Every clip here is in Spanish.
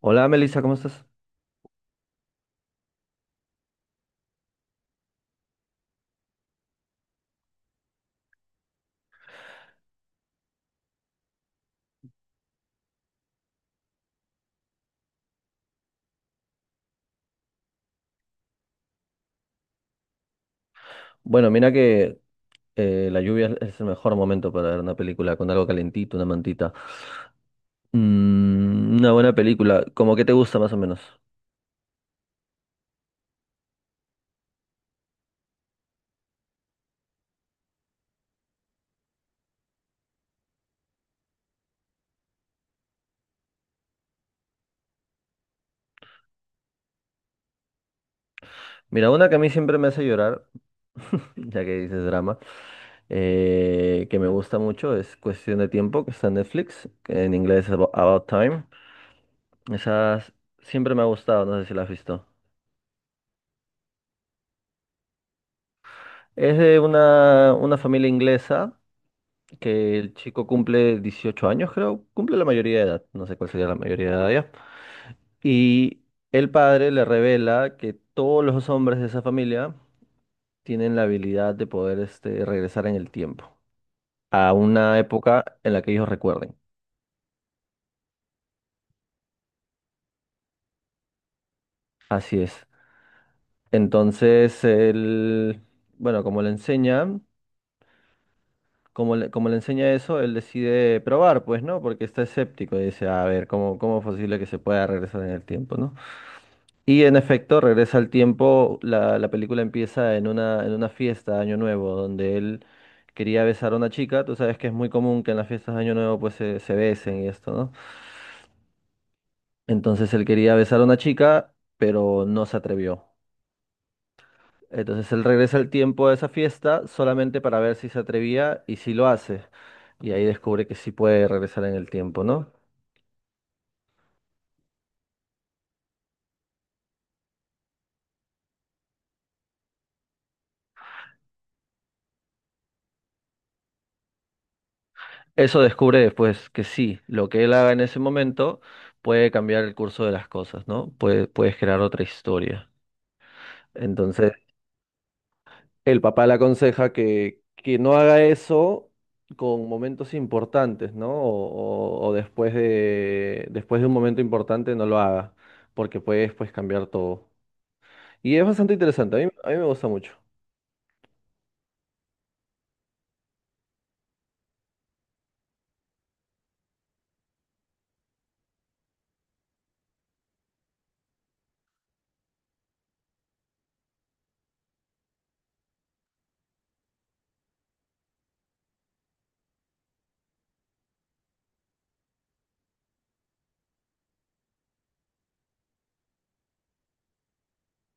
Hola Melissa, ¿cómo estás? Bueno, mira que la lluvia es el mejor momento para ver una película con algo calentito, una mantita. Mm, una buena película, como que te gusta más o menos. Mira, una que a mí siempre me hace llorar, ya que dices drama, que me gusta mucho, es Cuestión de Tiempo, que está en Netflix, que en inglés es About Time. Esa siempre me ha gustado, no sé si la has visto. Es de una familia inglesa que el chico cumple 18 años, creo, cumple la mayoría de edad, no sé cuál sería la mayoría de edad ya. Y el padre le revela que todos los hombres de esa familia tienen la habilidad de poder este, regresar en el tiempo, a una época en la que ellos recuerden. Así es. Entonces, él, bueno, como le enseña, como le enseña eso, él decide probar, pues, ¿no? Porque está escéptico y dice, a ver, ¿cómo es posible que se pueda regresar en el tiempo, ¿no? Y en efecto, regresa al tiempo, la película empieza en en una fiesta de Año Nuevo, donde él quería besar a una chica, tú sabes que es muy común que en las fiestas de Año Nuevo pues se besen y esto, ¿no? Entonces él quería besar a una chica, pero no se atrevió. Entonces él regresa al tiempo de esa fiesta solamente para ver si se atrevía y si lo hace. Y ahí descubre que sí puede regresar en el tiempo, ¿no? Eso descubre después que sí, lo que él haga en ese momento puede cambiar el curso de las cosas, ¿no? Puede, puedes crear otra historia. Entonces, el papá le aconseja que no haga eso con momentos importantes, ¿no? O, o después de un momento importante no lo haga, porque puedes pues, cambiar todo. Y es bastante interesante, a mí me gusta mucho.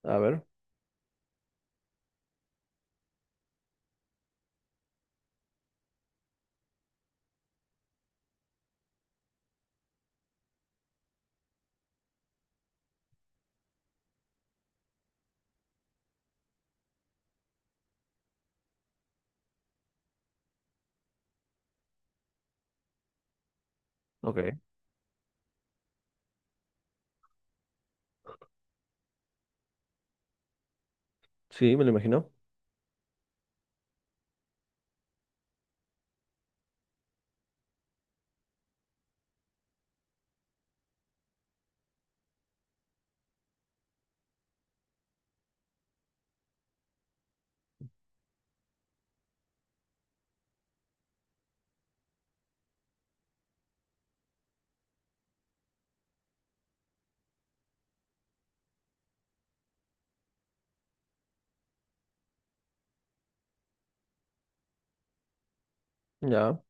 A ver, ok. Sí, me lo imagino. Ya.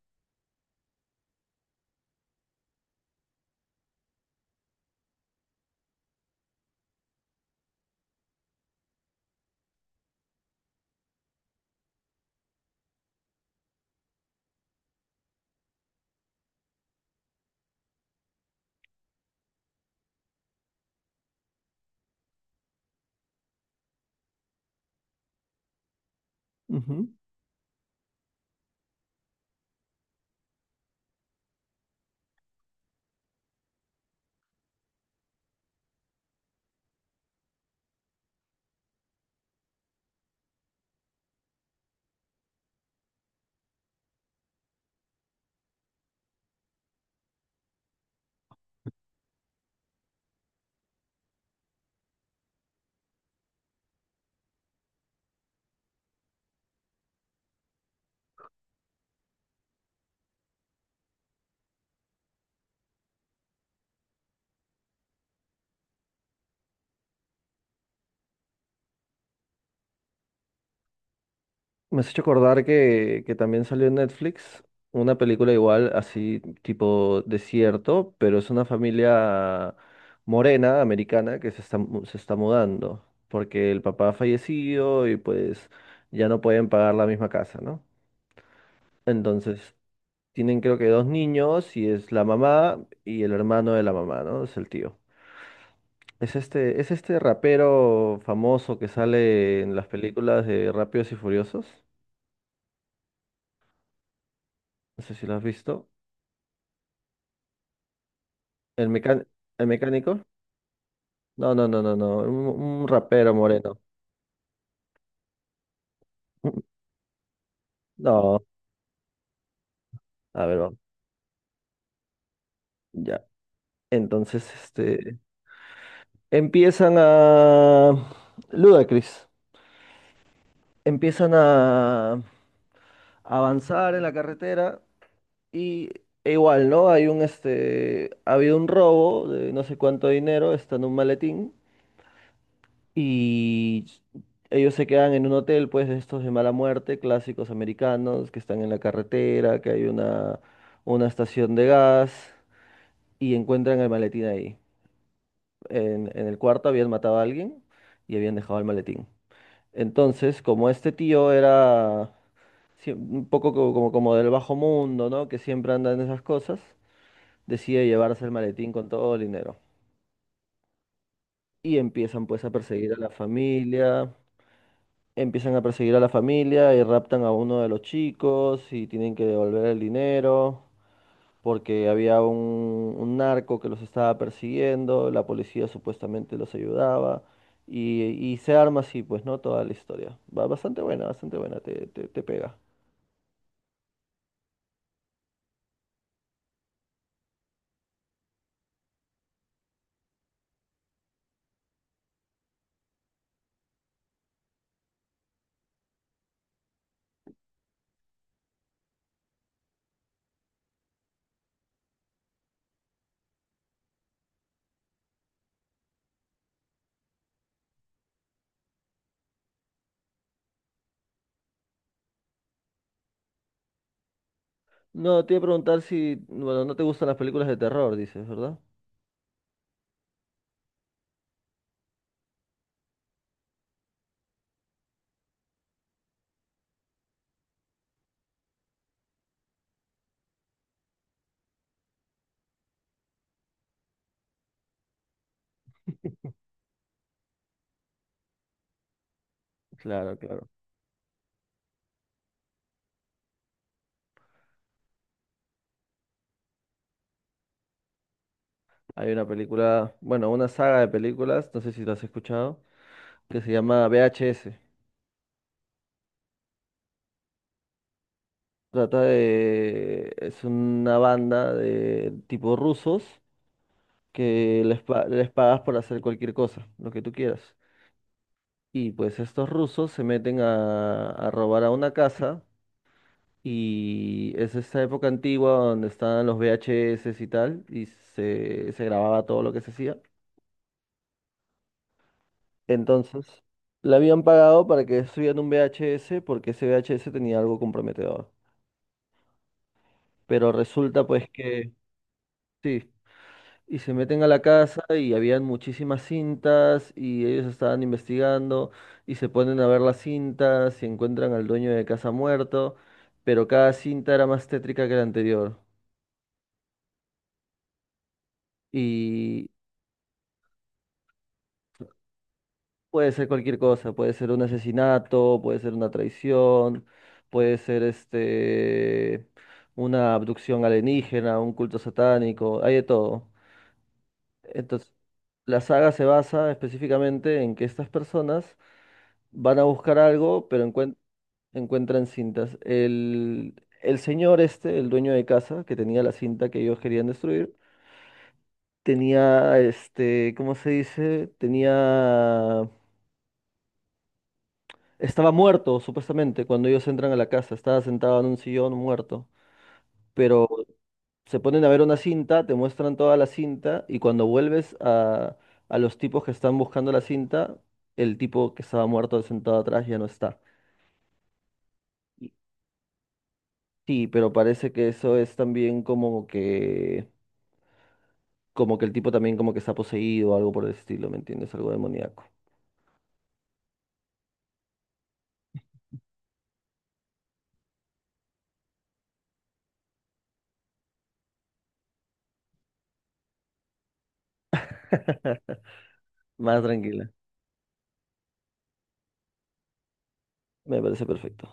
Me has hecho acordar que también salió en Netflix una película igual, así tipo desierto, pero es una familia morena, americana, que se está, se está mudando, porque el papá ha fallecido y pues ya no pueden pagar la misma casa, ¿no? Entonces, tienen creo que dos niños y es la mamá y el hermano de la mamá, ¿no? Es el tío. Es este rapero famoso que sale en las películas de Rápidos y Furiosos. No sé si lo has visto. ¿El mecán- ¿El mecánico? No, no, no, no, no. Un rapero moreno. No, a ver, vamos. Ya. Entonces, este. Empiezan a. Ludacris. Empiezan a avanzar en la carretera y e igual, ¿no? Hay un este. Ha habido un robo de no sé cuánto dinero, está en un maletín. Y ellos se quedan en un hotel, pues, de estos de mala muerte, clásicos americanos, que están en la carretera, que hay una estación de gas, y encuentran el maletín ahí. En el cuarto habían matado a alguien y habían dejado el maletín. Entonces, como este tío era un poco como, como del bajo mundo, ¿no? Que siempre anda en esas cosas, decide llevarse el maletín con todo el dinero. Y empiezan pues a perseguir a la familia. Empiezan a perseguir a la familia y raptan a uno de los chicos y tienen que devolver el dinero porque había un narco que los estaba persiguiendo, la policía supuestamente los ayudaba y se arma así, pues, ¿no? Toda la historia. Va bastante buena, te pega. No, te iba a preguntar si, bueno, no te gustan las películas de terror, dices, ¿verdad? Claro, claro. Hay una película, bueno, una saga de películas, no sé si las has escuchado, que se llama VHS. Trata de... Es una banda de tipo rusos que les, les pagas por hacer cualquier cosa, lo que tú quieras. Y pues estos rusos se meten a robar a una casa y es esta época antigua donde estaban los VHS y tal y se grababa todo lo que se hacía. Entonces, le habían pagado para que subieran un VHS porque ese VHS tenía algo comprometedor. Pero resulta pues que... Sí. Y se meten a la casa y habían muchísimas cintas y ellos estaban investigando y se ponen a ver las cintas y encuentran al dueño de casa muerto, pero cada cinta era más tétrica que la anterior. Y puede ser cualquier cosa, puede ser un asesinato, puede ser una traición, puede ser este una abducción alienígena, un culto satánico, hay de todo. Entonces, la saga se basa específicamente en que estas personas van a buscar algo, pero encuentran cintas. El señor este, el dueño de casa, que tenía la cinta que ellos querían destruir, tenía, este, ¿cómo se dice? Tenía... Estaba muerto, supuestamente, cuando ellos entran a la casa. Estaba sentado en un sillón muerto. Pero se ponen a ver una cinta, te muestran toda la cinta, y cuando vuelves a los tipos que están buscando la cinta, el tipo que estaba muerto sentado atrás ya no está. Sí, pero parece que eso es también como que el tipo también como que está poseído o algo por el estilo, ¿me entiendes? Algo demoníaco. Más tranquila. Me parece perfecto.